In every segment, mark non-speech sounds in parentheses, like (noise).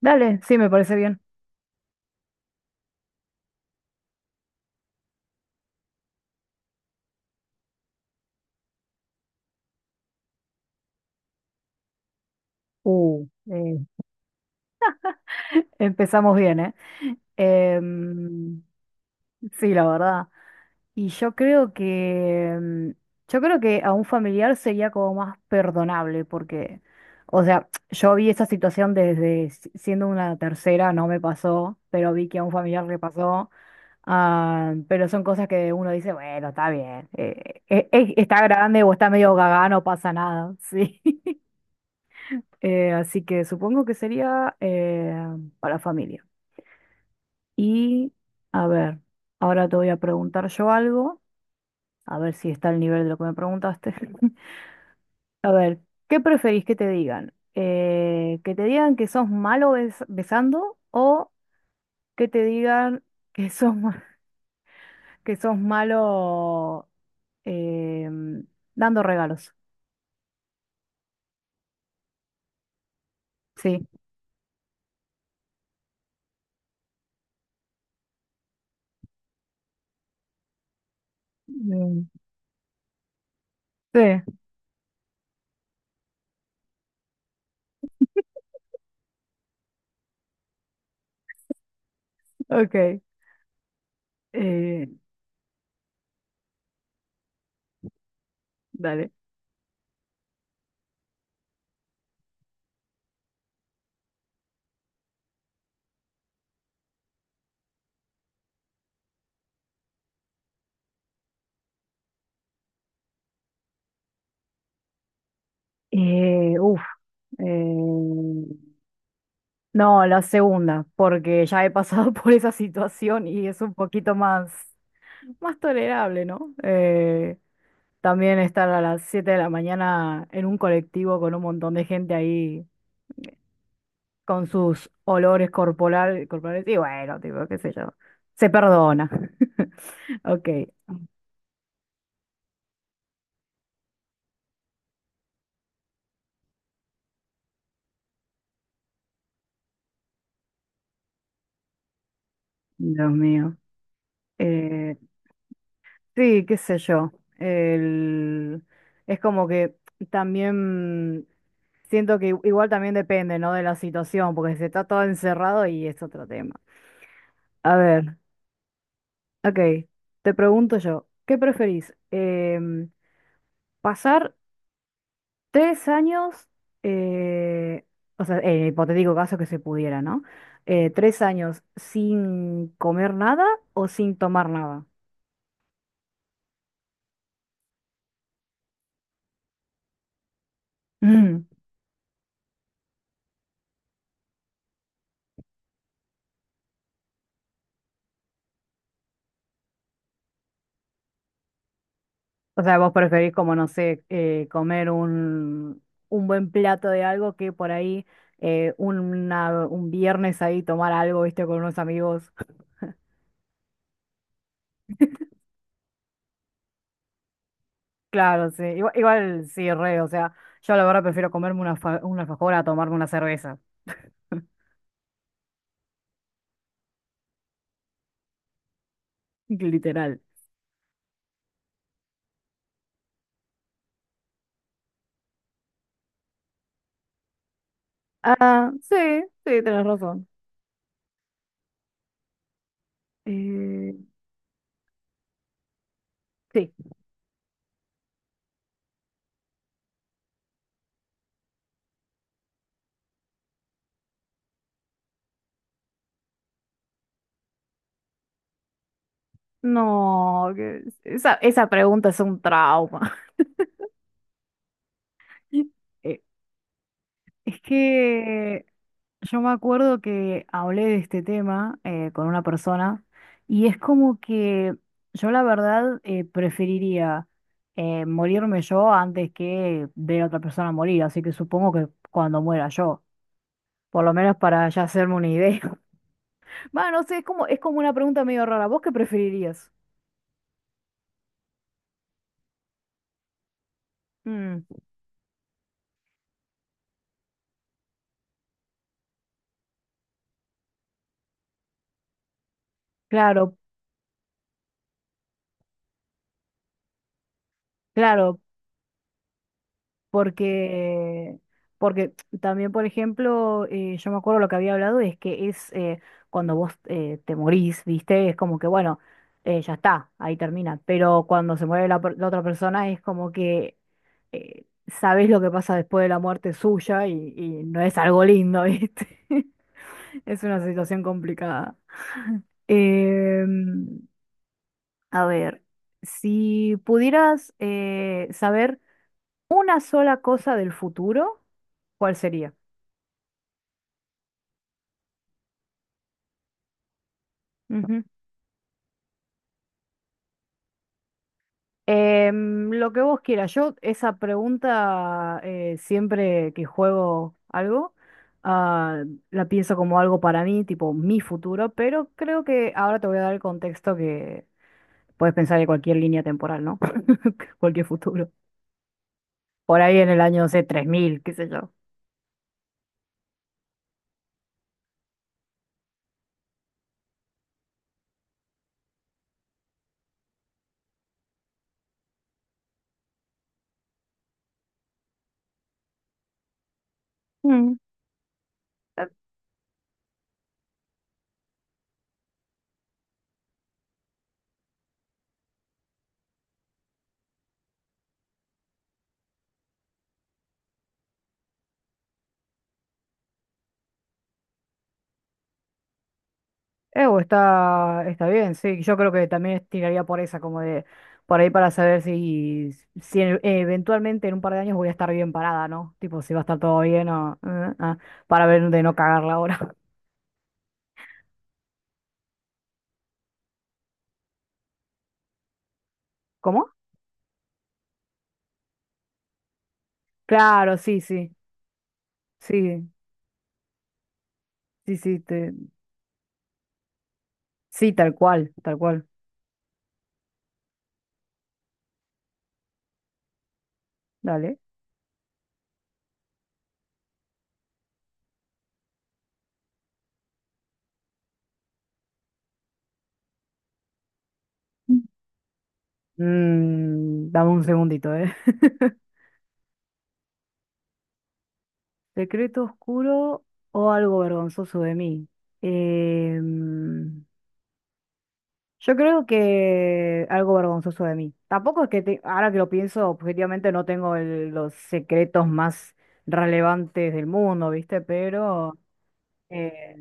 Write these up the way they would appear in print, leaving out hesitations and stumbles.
Dale, sí, me parece bien. Uh, eh, empezamos bien, ¿eh? Em, sí, la verdad. Y yo creo que, yo creo que a un familiar sería como más perdonable, porque, o sea, yo vi esa situación desde siendo una tercera, no me pasó, pero vi que a un familiar le pasó. Ah, pero son cosas que uno dice, bueno, está bien, está grande o está medio gaga, no pasa nada, (laughs) sí. Así que supongo que sería para familia. Y a ver, ahora te voy a preguntar yo algo, a ver si está al nivel de lo que me preguntaste. (laughs) A ver, ¿qué preferís que te digan? ¿Que te digan que sos malo besando o que te digan (laughs) que (laughs) que sos malo em, dando regalos? Sí. Mm, sí, ok. Eh, dale. Uf, eh, no, la segunda, porque ya he pasado (laughs) por esa situación y es un poquito más, más tolerable, ¿no? También estar a las 7 de la mañana en un colectivo con un montón de gente ahí con sus corporales y bueno, tipo, qué sé yo, se perdona. (laughs) Ok, Dios mío. Eh, sí, qué sé yo. El... Es como que también siento que igual también depende, ¿no? De la situación, porque si está todo encerrado y es otro tema. A ver, ok, te pregunto yo, ¿qué preferís? ¿Pasar tres años, eh, o sea, en el hipotético caso que se pudiera, ¿no? ¿3 años sin comer nada o sin tomar nada? (clears throat) (laughs) O sea, vos preferís como, no sé, comer un buen plato de algo que por ahí, un viernes ahí tomar algo, viste, con unos amigos. Claro, sí. Igual, igual sí, re. O sea, yo la verdad prefiero comerme una alfajora a tomarme una cerveza. (laughs) Literal. Ah, sí, sí, tenés razón. Eh, sí. No, esa, esa pregunta es un trauma. (laughs) Eh, es que yo me acuerdo que hablé de este tema con una persona y es como que yo la verdad preferiría morirme yo antes que ver a otra persona morir, así que supongo que cuando muera yo, por lo menos para ya hacerme una idea. (laughs) Va, no sé, es como una pregunta medio rara. ¿Vos qué preferirías? Mm, claro, claro, porque, porque también, por ejemplo, yo me acuerdo lo que había hablado es que es cuando vos te morís, ¿viste? Es como que, bueno, ya está, ahí termina. Pero cuando se muere la otra persona es como que sabés lo que pasa después de la muerte suya y no es algo lindo, ¿viste? (laughs) Es una situación complicada. Em, a ver, si pudieras saber una sola cosa del futuro, ¿cuál sería? Ujú. Lo que vos quieras. Yo esa pregunta siempre que juego algo, ah, la pienso como algo para mí, tipo mi futuro, pero creo que ahora te voy a dar el contexto que puedes pensar en cualquier línea temporal, ¿no? (laughs) Cualquier futuro. Por ahí en el año, no sé, 3000 qué sé yo. Mm. Ew, está, está bien, sí. Yo creo que también tiraría por esa, como de por ahí para saber si, si eventualmente en un par de años voy a estar bien parada, ¿no? Tipo, si va a estar todo bien o para ver de no cagarla ahora. (laughs) ¿Cómo? Claro, sí, sí, sí, sí, sí, tal cual, tal cual. Dale. Mm, dame un segundito, ¿eh? (laughs) Secreto oscuro o algo vergonzoso de mí. Em, Yo creo que algo vergonzoso de mí. Tampoco es que ahora que lo pienso, objetivamente no tengo los secretos más relevantes del mundo, ¿viste? Pero eh,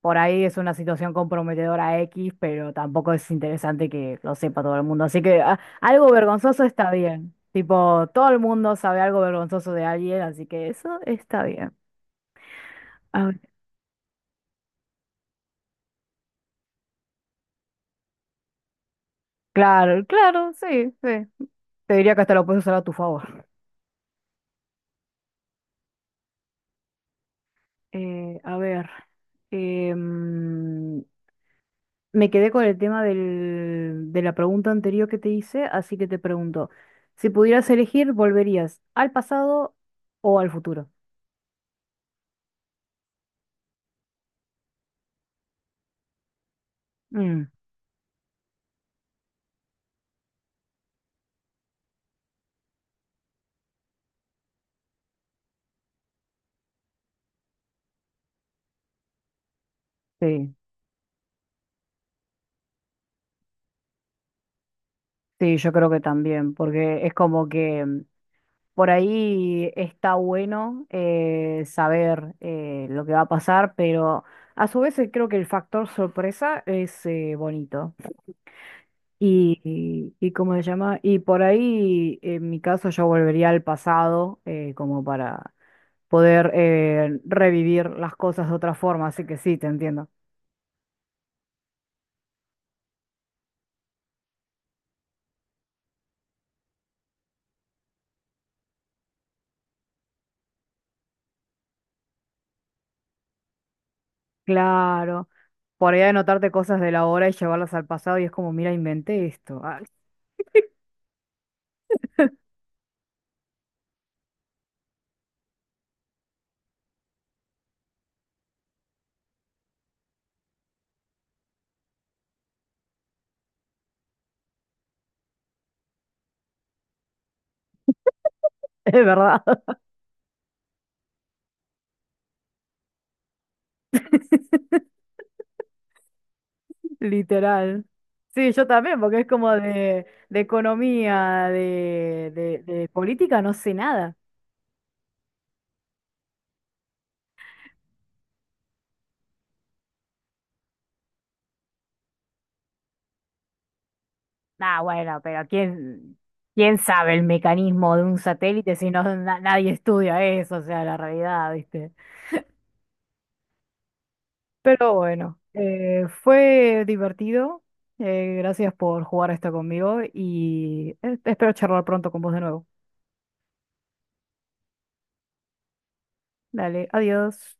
por ahí es una situación comprometedora X, pero tampoco es interesante que lo sepa todo el mundo. Así que ah, algo vergonzoso está bien. Tipo, todo el mundo sabe algo vergonzoso de alguien, así que eso está bien. A ver, claro, claro, sí, sí. Te diría que hasta lo puedes usar a tu favor. A ver, em, me quedé con el tema de la pregunta anterior que te hice, así que te pregunto, si pudieras elegir, ¿volverías al pasado o al futuro? Mm, sí, sí, yo creo que también, porque es como que mm, por ahí está bueno saber lo que va a pasar, pero a su vez creo que el factor sorpresa es bonito. Y cómo se llama, y por ahí en mi caso yo volvería al pasado como para poder revivir las cosas de otra forma, así que sí, te entiendo. Claro, por ahí anotarte cosas de la hora y llevarlas al pasado y es como, mira, inventé esto, ah, (laughs) es verdad, (laughs) literal. Sí, yo también, porque es como de economía, de política, no sé nada. Nah, bueno, pero ¿quién, quién sabe el mecanismo de un satélite si no nadie estudia eso? O sea, la realidad, ¿viste? Pero bueno, fue divertido. Gracias por jugar esto conmigo y espero charlar pronto con vos de nuevo. Dale, adiós.